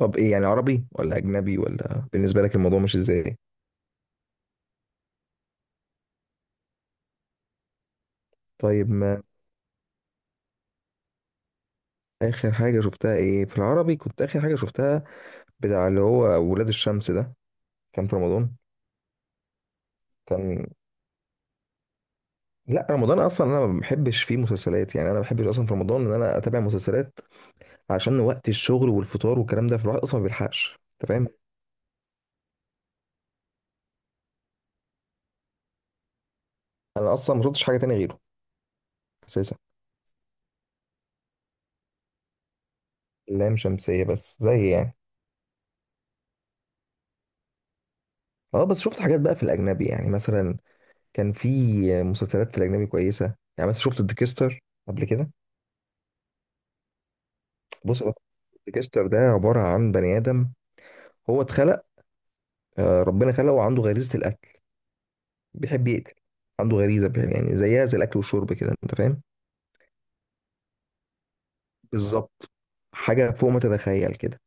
طب ايه يعني عربي ولا اجنبي ولا بالنسبه لك الموضوع مش ازاي؟ طيب، ما اخر حاجه شفتها ايه؟ في العربي كنت اخر حاجه شفتها بتاع اللي هو ولاد الشمس ده، كان في رمضان. كان لا، رمضان اصلا انا ما بحبش فيه مسلسلات، يعني انا ما بحبش اصلا في رمضان ان انا اتابع مسلسلات عشان وقت الشغل والفطار والكلام ده، فالواحد اصلا ما بيلحقش انت فاهم. انا اصلا ما شفتش حاجه تانية غيره اساسا. لام شمسيه بس زي يعني. اه، بس شفت حاجات بقى في الاجنبي، يعني مثلا كان في مسلسلات في الأجنبي كويسة، يعني مثلا شفت ديكستر قبل كده. بص، ديكستر ده عبارة عن بني آدم، هو اتخلق ربنا خلقه وعنده غريزة القتل. بيحب يقتل، عنده غريزة بيحب، يعني زيها زي الأكل والشرب كده أنت فاهم. بالظبط، حاجة فوق ما تتخيل كده.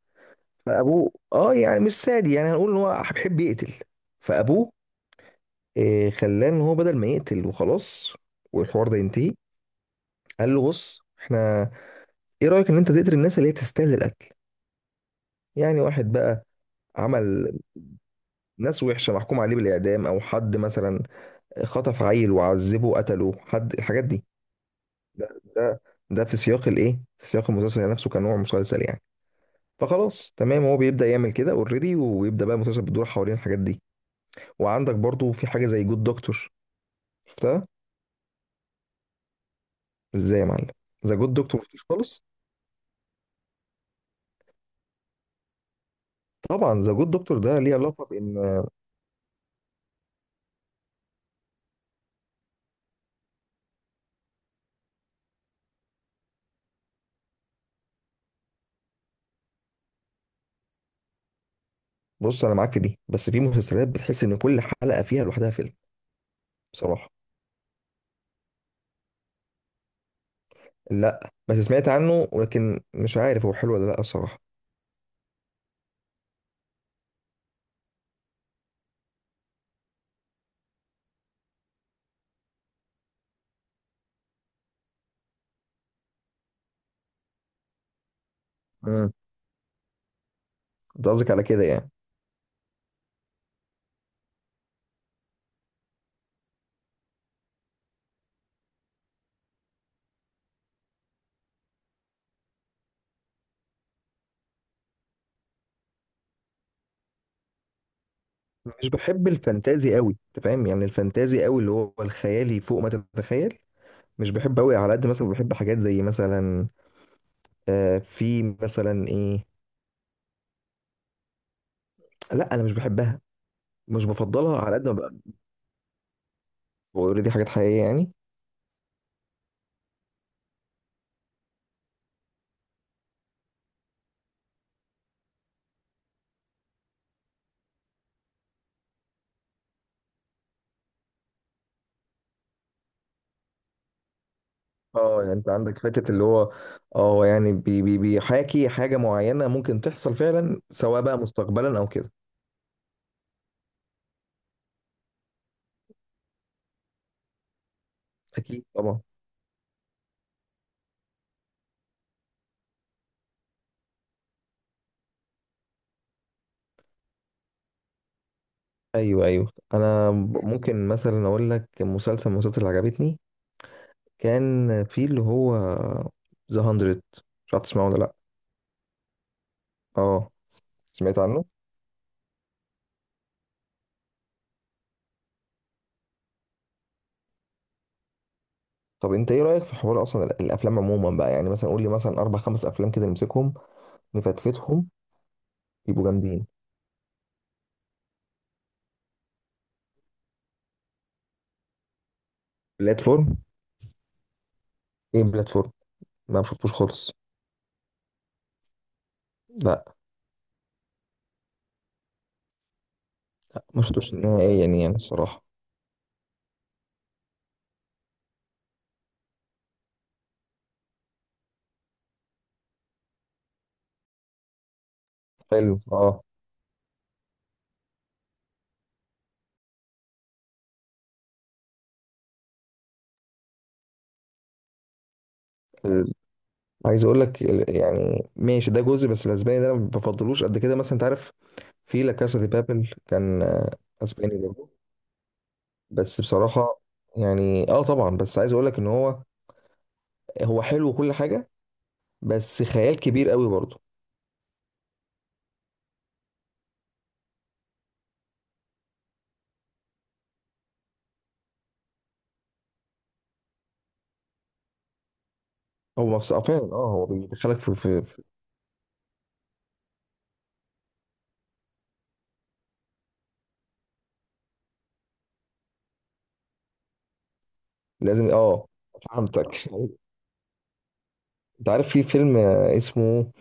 فأبوه اه يعني مش سادي، يعني هنقول إن هو بيحب يقتل. فأبوه خلاه إن هو بدل ما يقتل وخلاص والحوار ده ينتهي، قال له بص احنا ايه رأيك ان انت تقتل الناس اللي هي تستاهل القتل، يعني واحد بقى عمل ناس وحشة محكوم عليه بالإعدام، أو حد مثلا خطف عيل وعذبه وقتله، حد الحاجات دي. ده ده ده في سياق الإيه؟ في سياق المسلسل نفسه كنوع مسلسل يعني. فخلاص تمام، هو بيبدأ يعمل كده اوريدي، ويبدأ بقى المسلسل بيدور حوالين الحاجات دي. وعندك برضو في حاجة زي جود دكتور، شفتها؟ إزاي يا معلم؟ ذا جود دكتور مشفتوش خالص؟ طبعا ذا جود دكتور ده ليه علاقة بإن. بص أنا معاك في دي، بس في مسلسلات بتحس إن كل حلقة فيها لوحدها فيلم بصراحة. لا بس سمعت عنه، ولكن مش عارف هو حلو ولا لا الصراحة. انت قصدك على كده يعني مش بحب الفانتازي قوي انت فاهم، يعني الفانتازي قوي اللي هو الخيالي فوق ما تتخيل، مش بحب قوي، على قد مثلا بحب حاجات زي مثلا آه في مثلا ايه. لا انا مش بحبها، مش بفضلها على قد ما بقى. اوريدي حاجات حقيقيه يعني. اه يعني انت عندك حته اللي هو اه يعني بي بي بيحاكي حاجه معينه ممكن تحصل فعلا، سواء بقى مستقبلا او كده. اكيد طبعا. ايوه ايوه انا. ممكن مثلا اقول لك مسلسل من المسلسلات اللي عجبتني، كان في اللي هو ذا 100، مش عارف تسمعه ولا لا. اه سمعت عنه. طب انت ايه رايك في حوار اصلا الافلام عموما بقى، يعني مثلا قول لي مثلا اربع خمس افلام كده، نمسكهم نفتفتهم يبقوا جامدين. بلاتفورم. ايه بلاتفورم؟ ما شفتوش خالص. لا ما شفتوش نهائيا يعني الصراحه. حلو اه. ال- عايز اقول لك يعني ماشي ده جزء، بس الاسباني ده انا ما بفضلوش قد كده مثلا انت عارف. في لا كاسا دي بابل كان اسباني برضه، بس بصراحة يعني اه طبعا، بس عايز اقول لك ان هو هو حلو وكل حاجة، بس خيال كبير قوي برضه. هو فعلا اه، هو بيدخلك في. لازم اه. فهمتك. انت عارف في فيلم اسمه،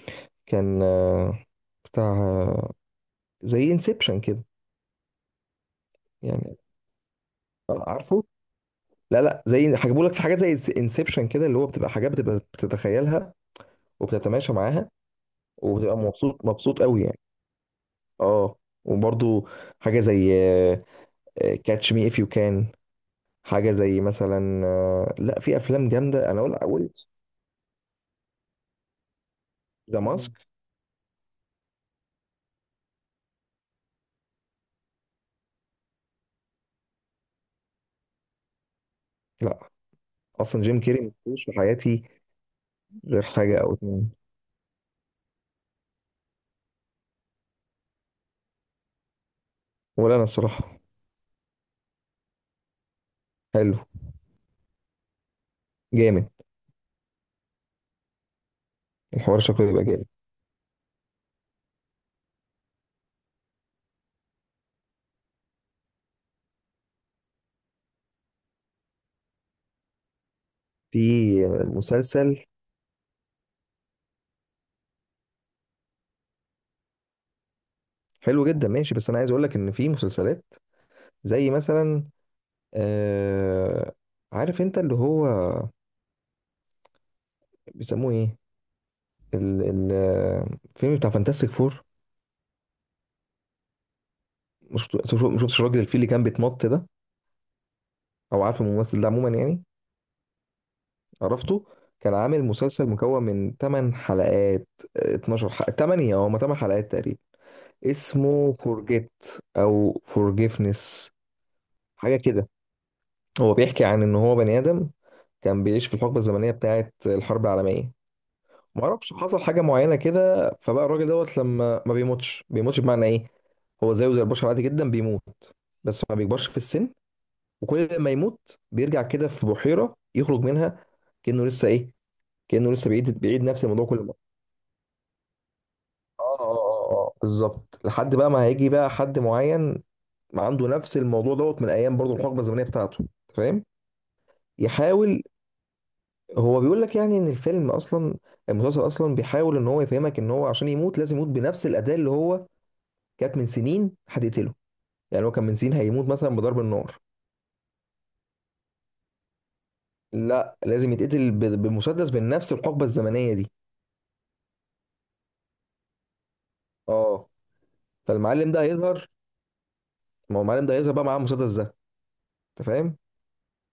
كان بتاع زي انسبشن كده يعني عارفه. لا لا، زي هجيبه لك في حاجات زي انسبشن كده، اللي هو بتبقى حاجات بتبقى بتتخيلها وبتتماشى معاها، وبتبقى مبسوط مبسوط قوي يعني. اه وبرضه حاجة زي كاتش مي اف يو كان. حاجه زي مثلا لا، في افلام جامده انا اقول قلت. ذا ماسك؟ لا، اصلا جيم كيري ما شفتوش في حياتي غير حاجه او اتنين. ولا انا الصراحه. حلو. جامد. الحوار شكله يبقى جامد. في مسلسل حلو جدا، ماشي، بس انا عايز اقول لك ان في مسلسلات زي مثلا آه عارف انت اللي هو بيسموه ايه، ال- ال- الفيلم بتاع فانتاستيك فور، مش مش شفتش الراجل الفيل اللي كان بيتنط ده، او عارف الممثل ده عموما يعني. عرفته. كان عامل مسلسل مكون من 8 حلقات، 12 حلقة، 8 او 8 حلقات تقريبا. اسمه فورجيت او فورجيفنس، حاجة كده. هو بيحكي عن ان هو بني ادم كان بيعيش في الحقبة الزمنية بتاعة الحرب العالمية، ما اعرفش حصل حاجة معينة كده، فبقى الراجل دوت لما ما بيموتش، بيموتش بمعنى ايه؟ هو زيه زي البشر عادي جدا بيموت، بس ما بيكبرش في السن، وكل ما يموت بيرجع كده في بحيرة يخرج منها، كأنه لسه ايه، كأنه لسه بيعيد نفس الموضوع كل مرة. اه اه اه اه بالظبط. لحد بقى ما هيجي بقى حد معين عنده نفس الموضوع دوت من ايام برضه الحقبه الزمنيه بتاعته، أنت فاهم. يحاول. هو بيقول لك يعني ان الفيلم اصلا، المسلسل اصلا بيحاول ان هو يفهمك ان هو عشان يموت لازم يموت بنفس الاداه اللي هو كانت من سنين هتقتله، يعني هو كان من سنين هيموت مثلا بضرب النار. لا لازم يتقتل بمسدس من نفس الحقبه الزمنيه دي. اه فالمعلم ده هيظهر، ما هو المعلم ده هيظهر بقى معاه المسدس ده انت فاهم.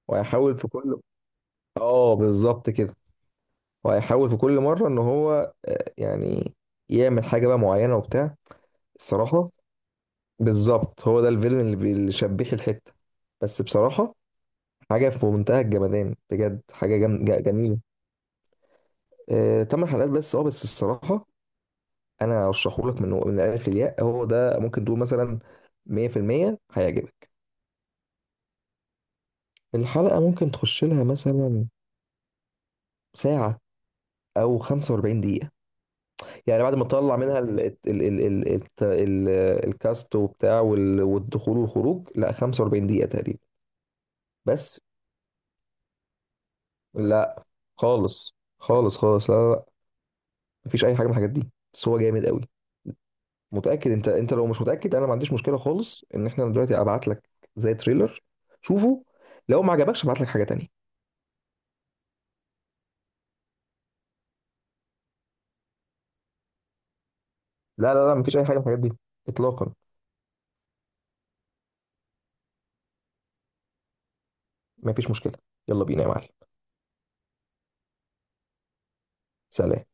وهيحاول في كل، اه بالظبط كده، وهيحاول في كل مره ان هو يعني يعمل حاجه بقى معينه وبتاع. الصراحه بالظبط هو ده الفيلن اللي اللي شبيح الحته، بس بصراحه حاجه في منتهى الجمدان بجد، حاجه جميله. تمن حلقات بس اه، بس الصراحه انا ارشحه لك من الالف للياء، هو ده ممكن تقول مثلا 100% هيعجبك. الحلقه ممكن تخش لها مثلا ساعه او 45 دقيقه، يعني بعد ما طلع منها ال الكاست وبتاع والدخول والخروج، لا 45 دقيقة تقريبا بس. لا، خالص خالص خالص، لا لا لا، مفيش أي حاجة من الحاجات دي، بس هو جامد قوي. متأكد أنت. أنت لو مش متأكد أنا ما عنديش مشكلة خالص إن إحنا دلوقتي أبعت لك زي تريلر، شوفه، لو ما عجبكش أبعت لك حاجة تانية. لا لا لا، مفيش أي حاجة من الحاجات دي إطلاقا. مفيش مشكلة، يلا بينا يا معلم. سلام.